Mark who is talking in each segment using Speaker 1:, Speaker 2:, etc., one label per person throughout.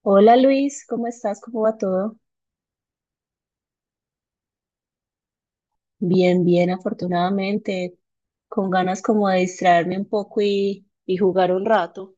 Speaker 1: Hola Luis, ¿cómo estás? ¿Cómo va todo? Bien, bien, afortunadamente, con ganas como de distraerme un poco y jugar un rato.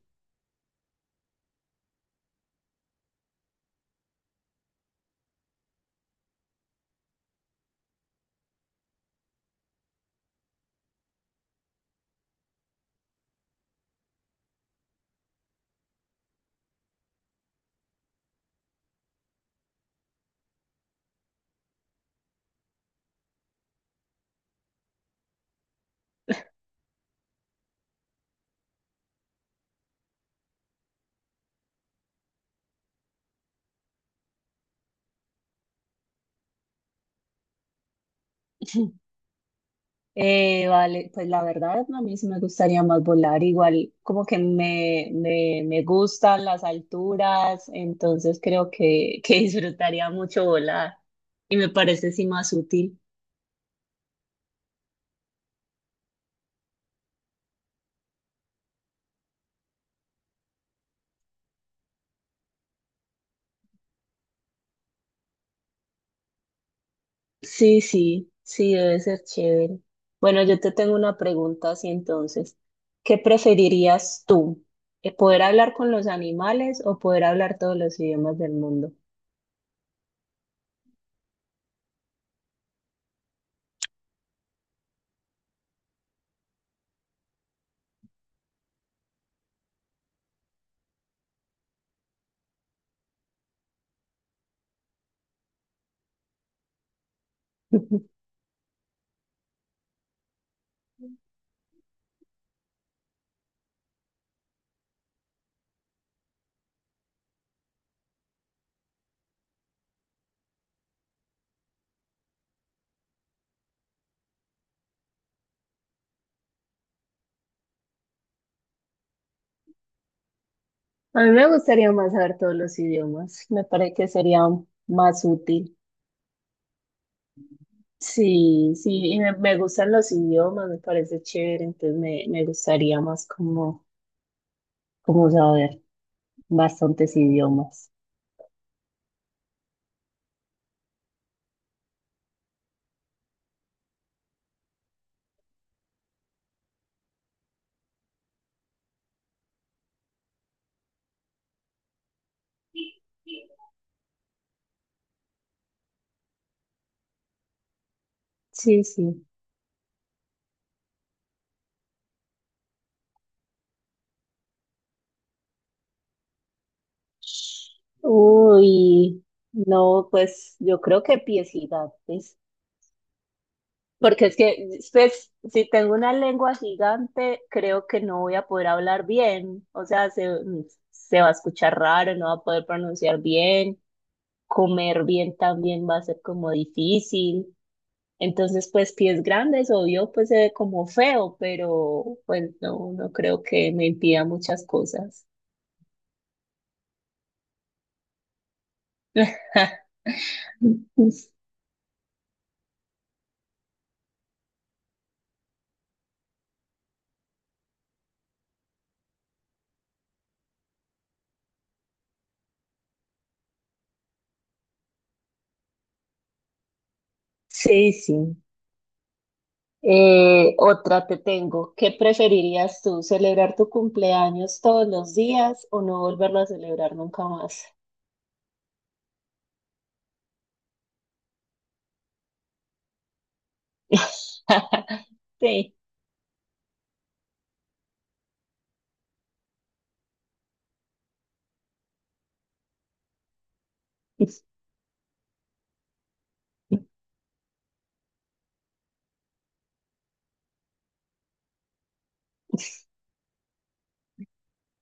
Speaker 1: Vale, pues la verdad a mí sí me gustaría más volar, igual como que me gustan las alturas, entonces creo que disfrutaría mucho volar y me parece sí más útil. Sí, sí, sí, debe ser chévere. Bueno, yo te tengo una pregunta así entonces. ¿Qué preferirías tú? ¿Poder hablar con los animales o poder hablar todos los idiomas del mundo? A mí me gustaría más saber todos los idiomas. Me parece que sería más útil. Sí, sí, y me gustan los idiomas, me parece chévere, entonces me gustaría más como, como saber bastantes idiomas. Sí, sí. Uy, no, pues yo creo que pies gigantes, porque es que, pues, si tengo una lengua gigante, creo que no voy a poder hablar bien, o sea, se va a escuchar raro, no va a poder pronunciar bien, comer bien también va a ser como difícil, entonces, pues, pies grandes, obvio, pues se ve como feo, pero pues no, no creo que me impida muchas cosas. Sí, sí. Otra te tengo. ¿Qué preferirías tú, celebrar tu cumpleaños todos los días o no volverlo a celebrar nunca más? Sí.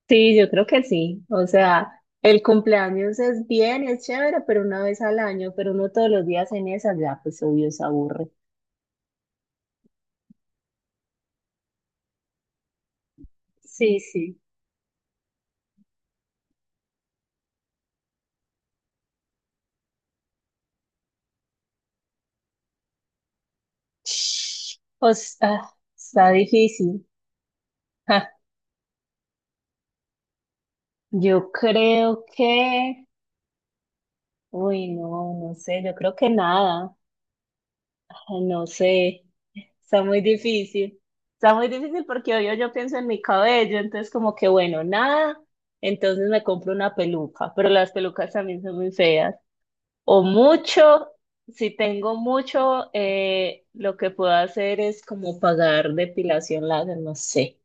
Speaker 1: Sí, yo creo que sí. O sea, el cumpleaños es bien, es chévere, pero una vez al año, pero no todos los días en esa, ya pues obvio se aburre. Sí, sí. O sea, está difícil. Ja, yo creo que, uy, no, no sé, yo creo que nada, no sé. Está muy difícil. Está muy difícil porque obvio yo pienso en mi cabello, entonces como que bueno, nada, entonces me compro una peluca, pero las pelucas también son muy feas. O mucho, si tengo mucho, lo que puedo hacer es como pagar depilación láser, no sé.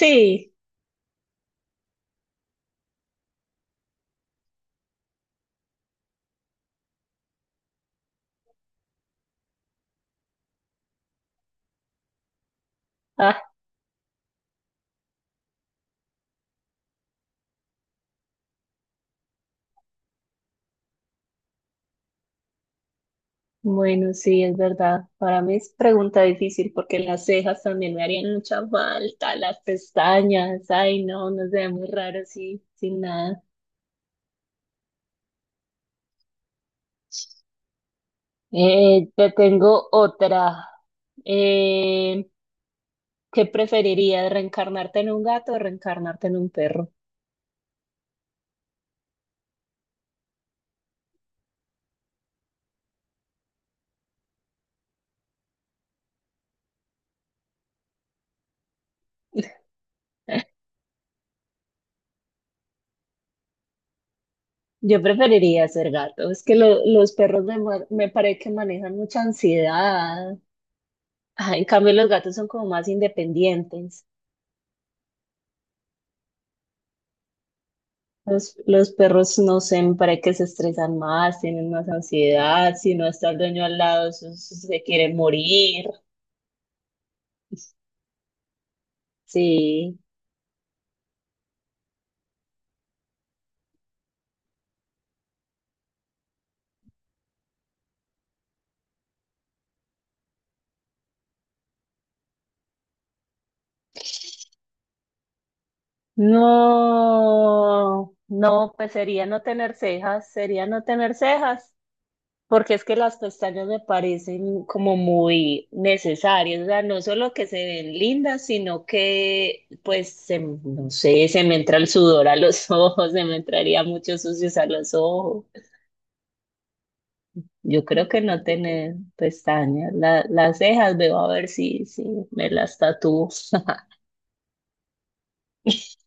Speaker 1: Sí, ah, bueno, sí, es verdad. Para mí es pregunta difícil porque las cejas también me harían mucha falta, las pestañas, ay no, no se ve muy raro así, sin nada. Te tengo otra. Eh, ¿Qué preferirías, reencarnarte en un gato o reencarnarte en un perro? Yo preferiría ser gato. Es que los perros me, me parece que manejan mucha ansiedad. Ah, en cambio, los gatos son como más independientes. Los perros, no sé, me parece que se estresan más, tienen más ansiedad. Si no está el dueño al lado, eso se quiere morir. Sí. No, no, pues sería no tener cejas, sería no tener cejas, porque es que las pestañas me parecen como muy necesarias, o sea, no solo que se ven lindas, sino que, pues, no sé, se me entra el sudor a los ojos, se me entraría mucho sucios a los ojos. Yo creo que no tener pestañas, las cejas, veo a ver si me las tatúo.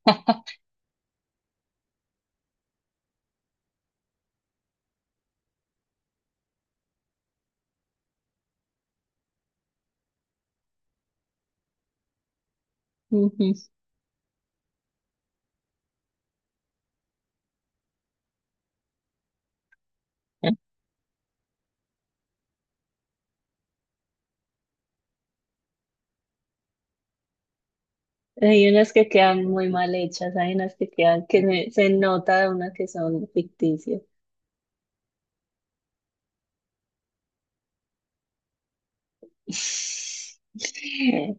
Speaker 1: Ujú. Hay unas que quedan muy mal hechas, hay unas que quedan, se nota de una que son ficticias.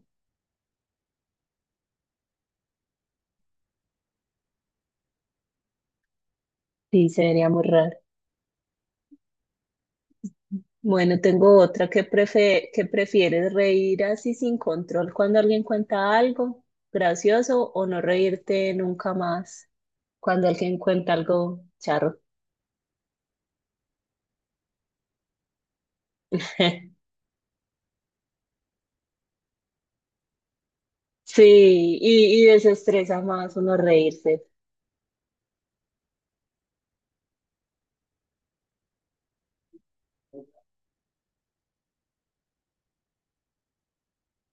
Speaker 1: Sí, sería muy raro. Bueno, tengo otra que que prefieres reír así sin control cuando alguien cuenta algo gracioso o no reírte nunca más cuando alguien cuenta algo charro. Sí, y desestresa más uno reírse.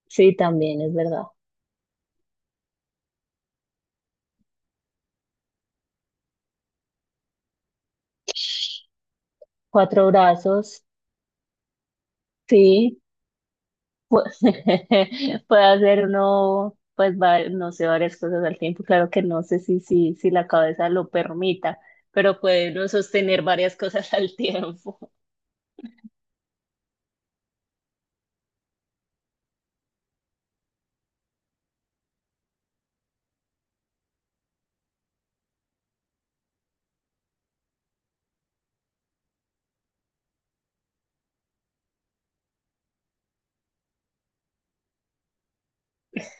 Speaker 1: Sí, también es verdad. Cuatro brazos, sí. Pues, puede hacer uno, pues, no sé, varias cosas al tiempo. Claro que no sé si la cabeza lo permita, pero puede uno sostener varias cosas al tiempo.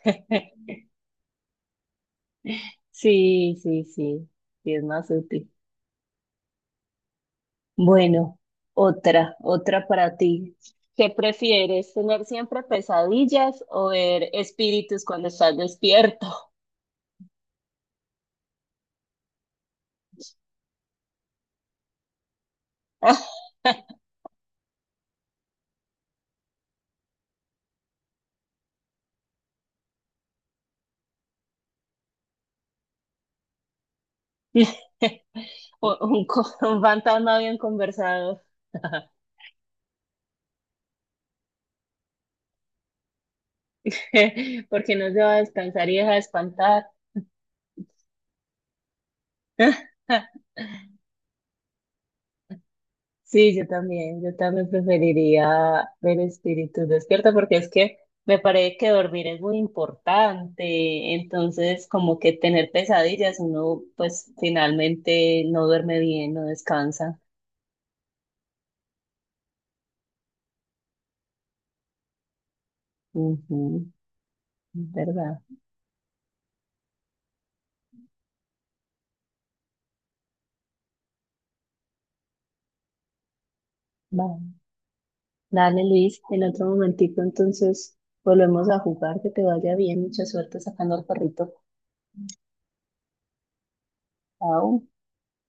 Speaker 1: Sí, sí, sí, sí, es más útil. Bueno, otra, otra para ti. ¿Qué prefieres, tener siempre pesadillas o ver espíritus cuando estás despierto? Un fantasma bien conversado. Porque no se va a descansar y deja de espantar. Sí, yo también preferiría ver espíritus despierta porque es que me parece que dormir es muy importante, entonces como que tener pesadillas, uno pues finalmente no duerme bien, no descansa. Ujú, ¿es verdad? Va. Dale Luis, en otro momentico entonces volvemos a jugar, que te vaya bien, mucha suerte sacando al perrito. Chao.